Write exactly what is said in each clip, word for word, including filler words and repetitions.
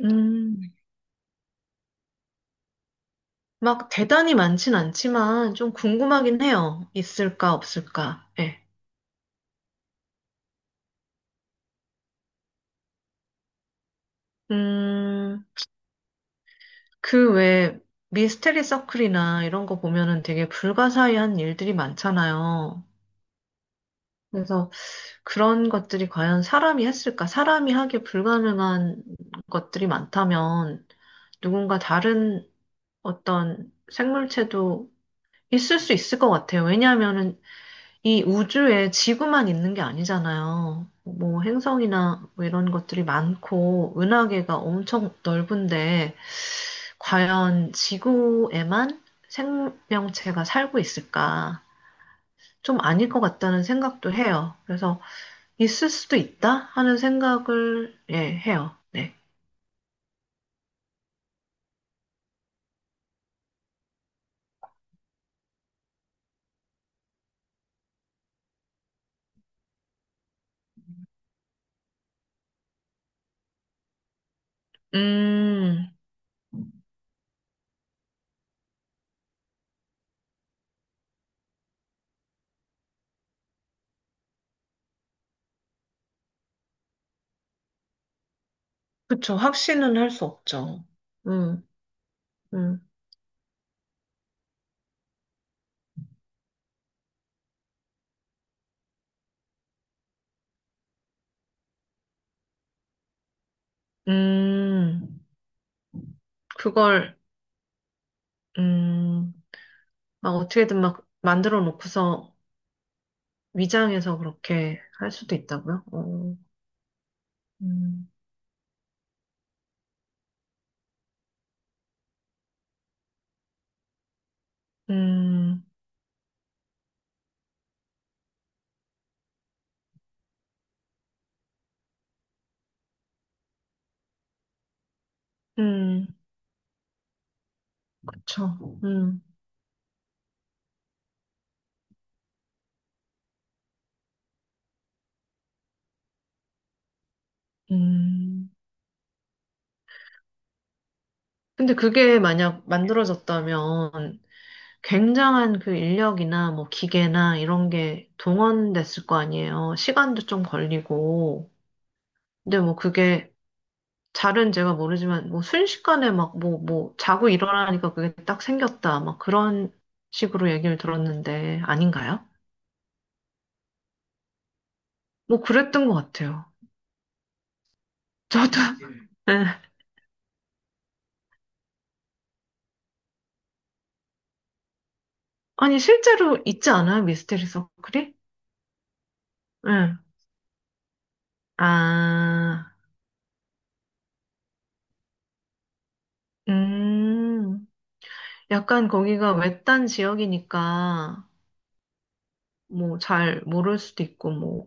음, 막 대단히 많진 않지만 좀 궁금하긴 해요. 있을까, 없을까. 예. 음, 그 외에 미스테리 서클이나 이런 거 보면은 되게 불가사의한 일들이 많잖아요. 그래서 그런 것들이 과연 사람이 했을까? 사람이 하기 불가능한 것들이 많다면 누군가 다른 어떤 생물체도 있을 수 있을 것 같아요. 왜냐하면은 이 우주에 지구만 있는 게 아니잖아요. 뭐 행성이나 뭐 이런 것들이 많고 은하계가 엄청 넓은데 과연 지구에만 생명체가 살고 있을까? 좀 아닐 것 같다는 생각도 해요. 그래서 있을 수도 있다 하는 생각을 예, 해요. 네. 음, 그쵸. 확신은 할 수 없죠. 음, 음, 음, 그걸 음, 막 어떻게든 막 만들어 놓고서 위장해서 그렇게 할 수도 있다고요? 어, 음, 음, 음, 그쵸. 음, 음. 근데 그게 만약 만들어졌다면 굉장한 그 인력이나 뭐 기계나 이런 게 동원됐을 거 아니에요. 시간도 좀 걸리고. 근데 뭐 그게 잘은 제가 모르지만 뭐 순식간에 막 뭐, 뭐 자고 일어나니까 그게 딱 생겼다. 막 그런 식으로 얘기를 들었는데 아닌가요? 뭐 그랬던 것 같아요. 저도. 아니, 실제로 있지 않아요? 미스테리 서클이? 응. 아, 음. 약간 거기가 외딴 지역이니까, 뭐, 잘 모를 수도 있고, 뭐,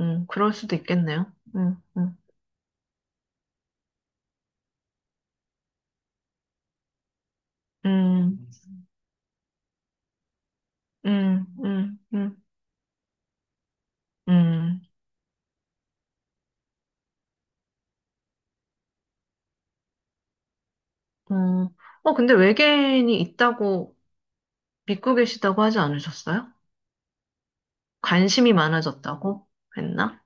음, 그럴 수도 있겠네요. 음, 음, 음, 음, 음, 음, 음. 어, 어, 근데 외계인이 있다고 믿고 계시다고 하지 않으셨어요? 관심이 많아졌다고 했나?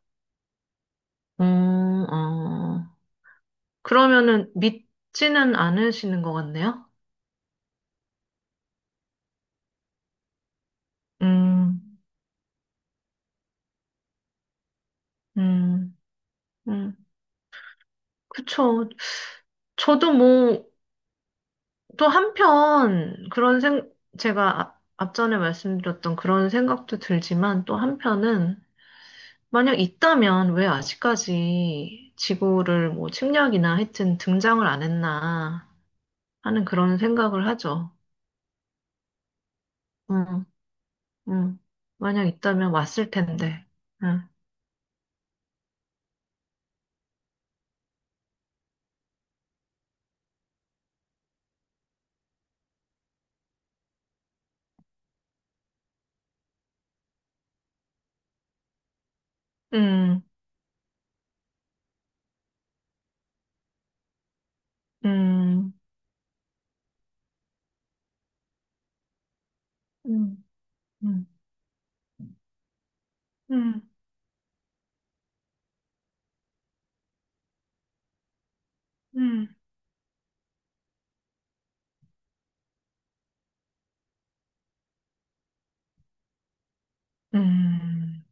음, 어. 그러면은 믿지는 않으시는 것 같네요? 음, 음, 음, 그쵸. 저도 뭐, 또 한편, 그런 생, 제가 앞, 앞전에 말씀드렸던 그런 생각도 들지만, 또 한편은, 만약 있다면 왜 아직까지 지구를 뭐 침략이나 하여튼 등장을 안 했나 하는 그런 생각을 하죠. 음, 음. 만약 있다면 왔을 텐데. 음, 음, 음, 음, 음, 음, 음. 음.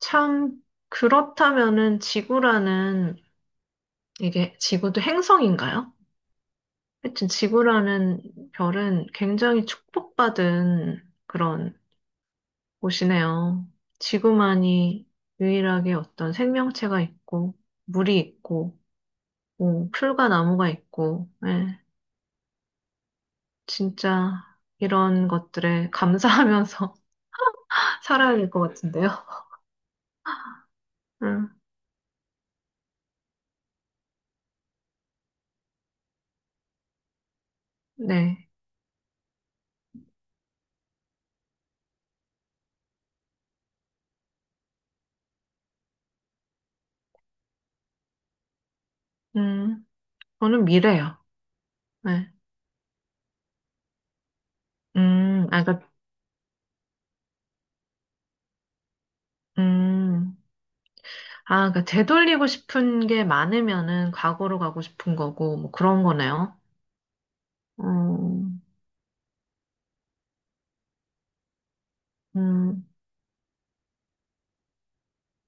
참, 그렇다면은 지구라는, 이게 지구도 행성인가요? 하여튼 지구라는 별은 굉장히 축복받은 그런 곳이네요. 지구만이 유일하게 어떤 생명체가 있고, 물이 있고, 뭐, 풀과 나무가 있고, 예, 진짜 이런 것들에 감사하면서 살아야 될 것 같은데요. 음, 네. 음, 저는 미래요. 네. 음, 아, 그, 음. 아, 그러니까 되돌리고 싶은 게 많으면은 과거로 가고 싶은 거고, 뭐 그런 거네요. 어, 음,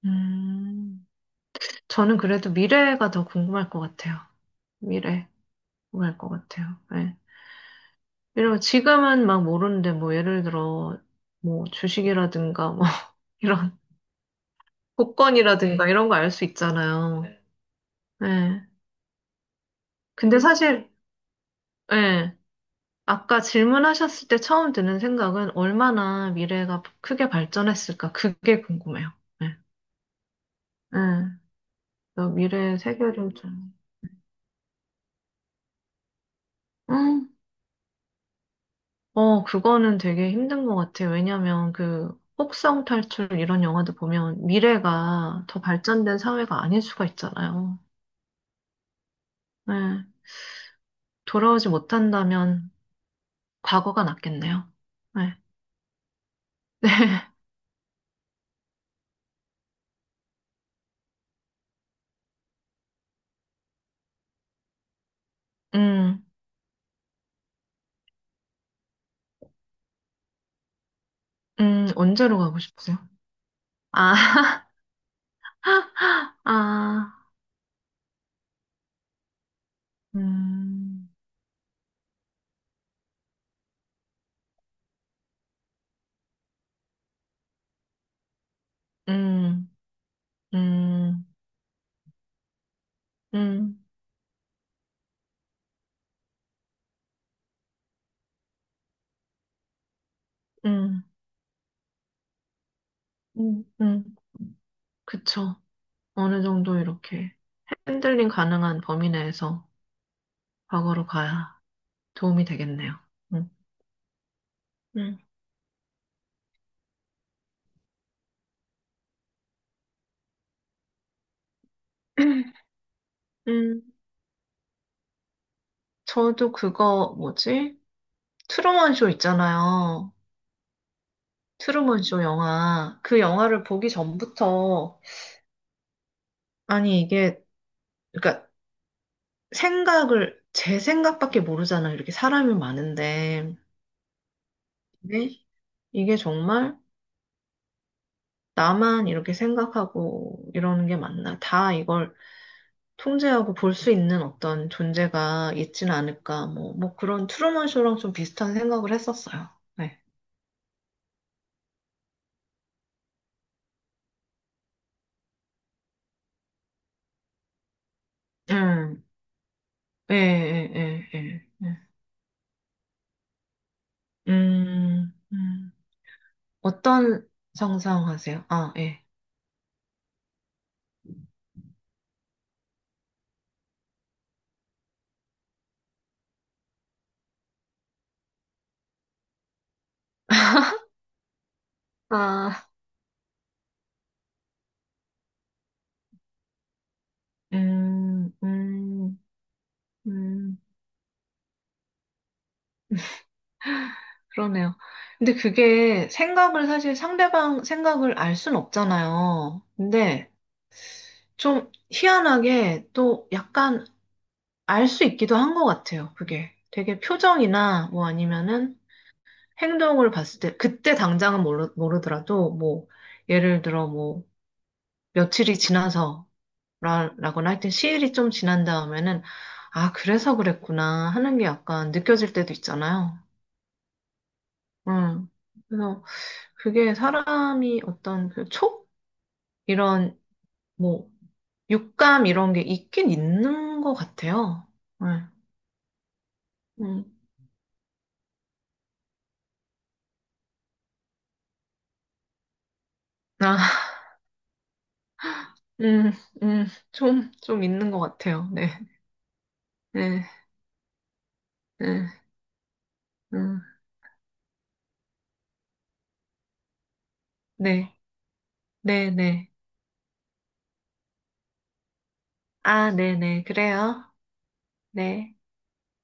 음. 저는 그래도 미래가 더 궁금할 것 같아요. 미래, 궁금할 것 같아요. 예. 이면 지금은 막 모르는데, 뭐 예를 들어, 뭐 주식이라든가, 뭐 이런, 복권이라든가 이런 거 알 수 있잖아요. 예. 근데 사실, 예. 아까 질문하셨을 때 처음 드는 생각은 얼마나 미래가 크게 발전했을까? 그게 궁금해요. 네. 네. 그 미래의 세계를 좀. 음, 어, 그거는 되게 힘든 것 같아요. 왜냐면 그 혹성 탈출 이런 영화도 보면 미래가 더 발전된 사회가 아닐 수가 있잖아요. 네. 돌아오지 못한다면 과거가 낫겠네요. 네. 네. 음, 음, 언제로 가고 싶으세요? 아, 아, 음, 음. 음, 음, 음, 음, 음, 그쵸. 어느 정도 이렇게 핸들링 가능한 범위 내에서 과거로 가야 도움이 되겠네요. 음, 음, 음. 저도 그거 뭐지? 트루먼 쇼 있잖아요. 트루먼 쇼 영화. 그 영화를 보기 전부터 아니 이게 그러니까 생각을 제 생각밖에 모르잖아요. 이렇게 사람이 많은데. 근데 이게 정말 나만 이렇게 생각하고 이러는 게 맞나? 다 이걸 통제하고 볼 수 있는 어떤 존재가 있지는 않을까? 뭐, 뭐 그런 트루먼 쇼랑 좀 비슷한 생각을 했었어요. 네. 음, 예, 예, 예, 예. 예. 음, 음. 어떤 상상하세요? 아, 예. 아, 음, 음, 음, 그러네요. 근데 그게 생각을 사실 상대방 생각을 알 순 없잖아요. 근데 좀 희한하게 또 약간 알 수 있기도 한 것 같아요, 그게. 되게 표정이나 뭐 아니면은 행동을 봤을 때, 그때 당장은 모르, 모르더라도 뭐, 예를 들어 뭐, 며칠이 지나서 라, 라거나 하여튼 시일이 좀 지난 다음에는, 아, 그래서 그랬구나 하는 게 약간 느껴질 때도 있잖아요. 음. 그래서 그게 사람이 어떤 그 촉? 이런 뭐, 육감 이런 게 있긴 있는 것 같아요. 네. 음. 아, 음, 음, 좀, 좀 있는 것 같아요. 네, 네, 네, 음, 네, 네, 네. 아, 네, 네, 그래요. 네.